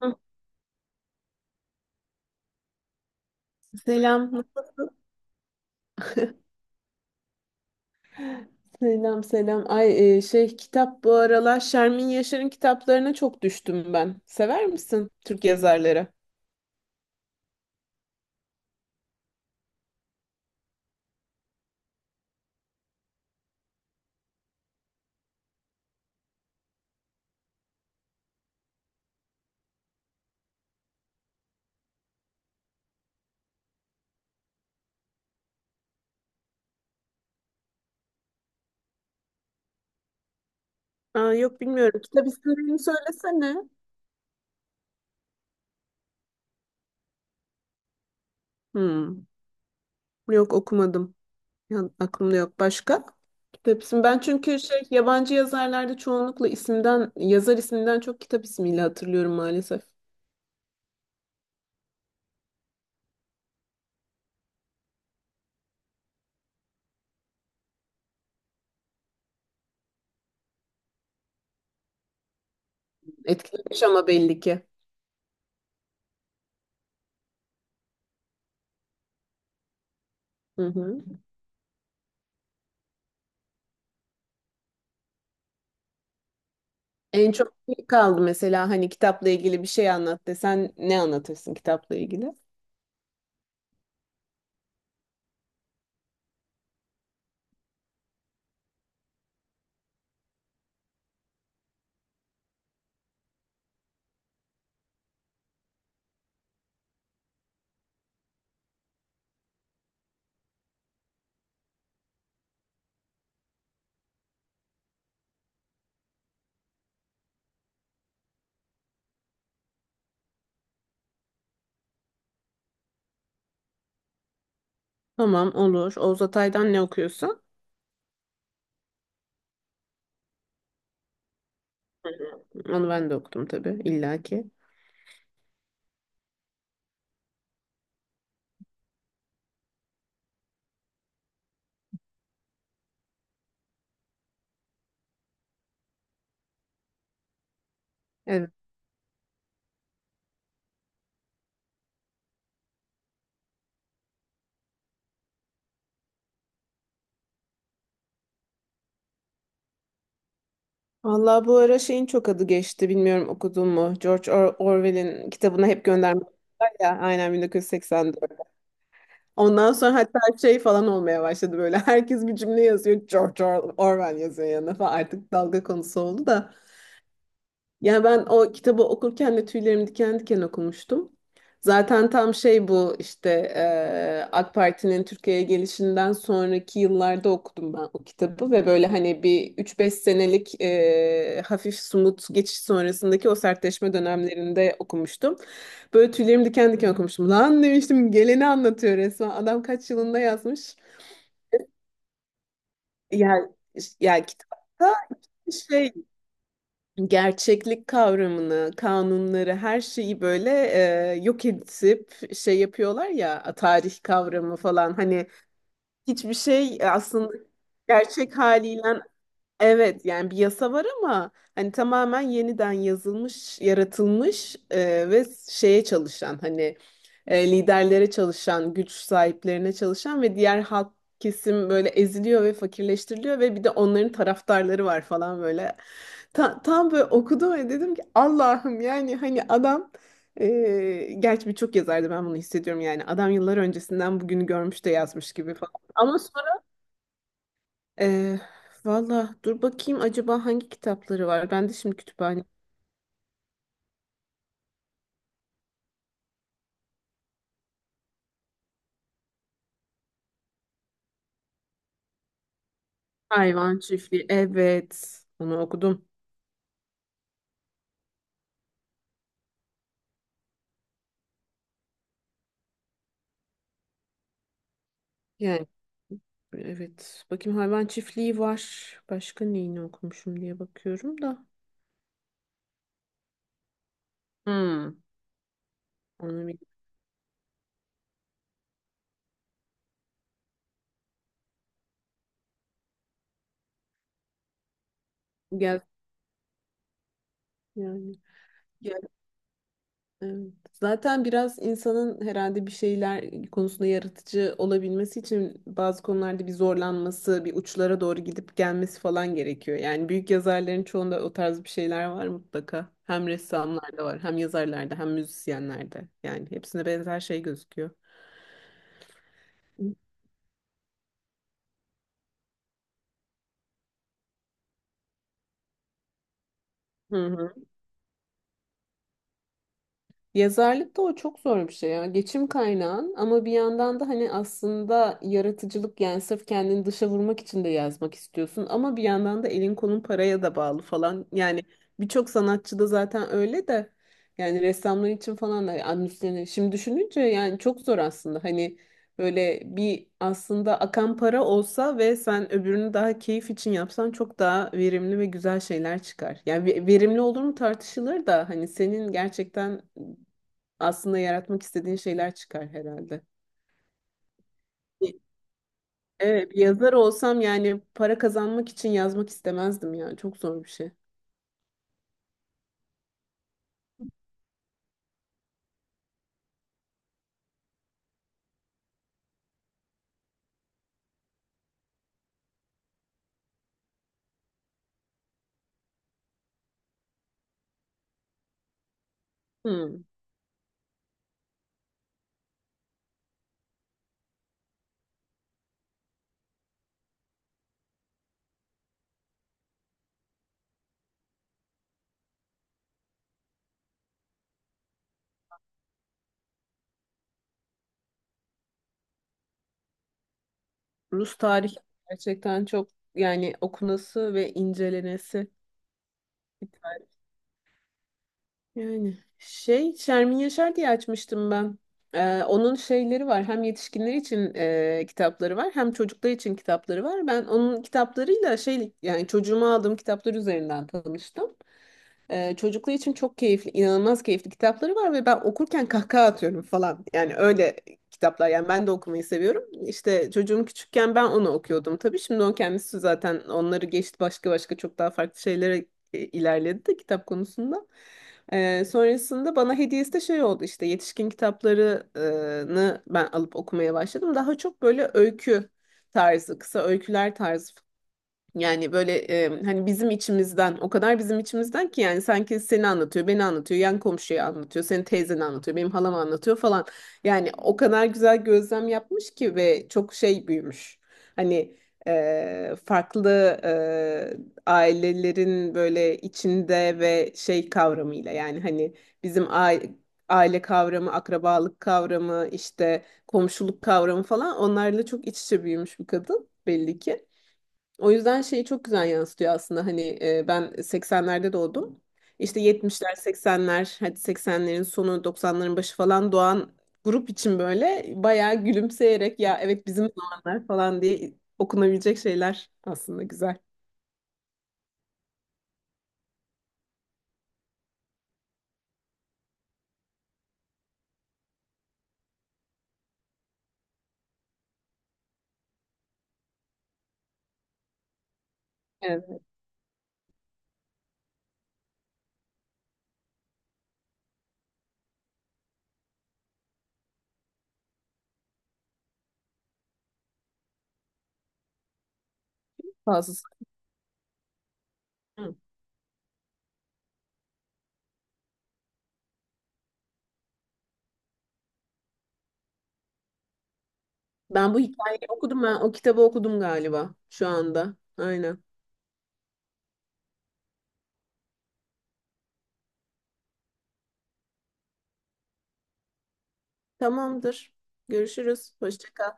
Hı, selam. Selam selam. Ay e, şey kitap bu aralar Şermin Yaşar'ın kitaplarına çok düştüm ben. Sever misin Türk yazarları? Aa, yok bilmiyorum. Kitap ismini söylesene. Hmm. Yok okumadım. Ya, aklımda yok. Başka? Tepsim. Ben çünkü yabancı yazarlarda çoğunlukla isimden yazar isminden çok kitap ismiyle hatırlıyorum maalesef. Etkilemiş ama belli ki. Hı hı. En çok ne kaldı mesela hani kitapla ilgili bir şey anlat desen ne anlatırsın kitapla ilgili? Tamam, olur. Oğuz Atay'dan ne okuyorsun? Onu ben de okudum tabii illaki. Evet. Vallahi bu ara şeyin çok adı geçti. Bilmiyorum okudun mu? George Orwell'in kitabına hep gönderme var ya. Aynen 1984. Ondan sonra hatta şey falan olmaya başladı böyle. Herkes bir cümle yazıyor. George Orwell yazıyor yanına falan. Artık dalga konusu oldu da. Ya ben o kitabı okurken de tüylerim diken diken okumuştum. Zaten tam şey bu işte AK Parti'nin Türkiye'ye gelişinden sonraki yıllarda okudum ben o kitabı ve böyle hani bir üç beş senelik hafif sumut geçiş sonrasındaki o sertleşme dönemlerinde okumuştum. Böyle tüylerim diken diken okumuştum. Lan demiştim, geleni anlatıyor resmen. Adam kaç yılında yazmış? Yani, yani, kitapta işte gerçeklik kavramını, kanunları, her şeyi böyle yok edip şey yapıyorlar ya, tarih kavramı falan, hani hiçbir şey aslında gerçek haliyle. Evet, yani bir yasa var ama hani tamamen yeniden yazılmış, yaratılmış ve şeye çalışan hani liderlere çalışan, güç sahiplerine çalışan ve diğer halk kesim böyle eziliyor ve fakirleştiriliyor ve bir de onların taraftarları var falan böyle. Tam böyle okudum ve dedim ki Allah'ım, yani hani adam gerçi birçok yazardı ben bunu hissediyorum, yani adam yıllar öncesinden bugünü görmüş de yazmış gibi falan. Ama ee, valla dur bakayım, acaba hangi kitapları var? Ben de şimdi kütüphane. Hayvan Çiftliği. Evet. Onu okudum. Yani evet. Bakayım, Hayvan Çiftliği var. Başka neyini okumuşum diye bakıyorum da. Hmm. Onu bir gel yani. Evet. Zaten biraz insanın herhalde bir şeyler konusunda yaratıcı olabilmesi için bazı konularda bir zorlanması, bir uçlara doğru gidip gelmesi falan gerekiyor. Yani büyük yazarların çoğunda o tarz bir şeyler var mutlaka. Hem ressamlarda var, hem yazarlarda, hem müzisyenlerde. Yani hepsinde benzer şey gözüküyor. Hı hı. Yazarlıkta o çok zor bir şey ya. Geçim kaynağın, ama bir yandan da hani aslında yaratıcılık, yani sırf kendini dışa vurmak için de yazmak istiyorsun ama bir yandan da elin kolun paraya da bağlı falan. Yani birçok sanatçı da zaten öyle de yani ressamlar için falan da yani şimdi düşününce yani çok zor aslında. Hani böyle bir aslında akan para olsa ve sen öbürünü daha keyif için yapsan çok daha verimli ve güzel şeyler çıkar. Yani verimli olur mu tartışılır da hani senin gerçekten aslında yaratmak istediğin şeyler çıkar herhalde. Bir- Evet, bir yazar olsam yani para kazanmak için yazmak istemezdim yani. Çok zor bir şey. Hmm. Rus tarihi gerçekten çok, yani okunası ve incelenesi bir tarih. Yani Şermin Yaşar diye açmıştım ben. Onun şeyleri var. Hem yetişkinler için kitapları var, hem çocuklar için kitapları var. Ben onun kitaplarıyla yani çocuğuma aldığım kitaplar üzerinden tanıştım. Çocukluğu için çok keyifli, inanılmaz keyifli kitapları var ve ben okurken kahkaha atıyorum falan. Yani öyle kitaplar. Yani ben de okumayı seviyorum. İşte çocuğum küçükken ben onu okuyordum tabii. Şimdi o kendisi zaten onları geçti, başka başka çok daha farklı şeylere ilerledi de kitap konusunda. Sonrasında bana hediyesi de şey oldu, işte yetişkin kitaplarını ben alıp okumaya başladım. Daha çok böyle öykü tarzı, kısa öyküler tarzı, yani böyle hani bizim içimizden, o kadar bizim içimizden ki yani sanki seni anlatıyor, beni anlatıyor, yan komşuyu anlatıyor, senin teyzeni anlatıyor, benim halam anlatıyor falan. Yani o kadar güzel gözlem yapmış ki ve çok şey büyümüş. Hani farklı e, ailelerin böyle içinde ve şey kavramıyla, yani hani bizim aile, aile kavramı, akrabalık kavramı, işte komşuluk kavramı falan, onlarla çok iç içe büyümüş bir kadın belli ki. O yüzden şeyi çok güzel yansıtıyor aslında, hani ben 80'lerde doğdum. İşte 70'ler, 80'ler, hadi 80'lerin sonu, 90'ların başı falan doğan grup için böyle bayağı gülümseyerek ya evet bizim zamanlar falan diye okunabilecek şeyler, aslında güzel. Evet, fazlası. Ben bu hikayeyi okudum, ben o kitabı okudum galiba şu anda. Aynen. Tamamdır. Görüşürüz. Hoşça kal.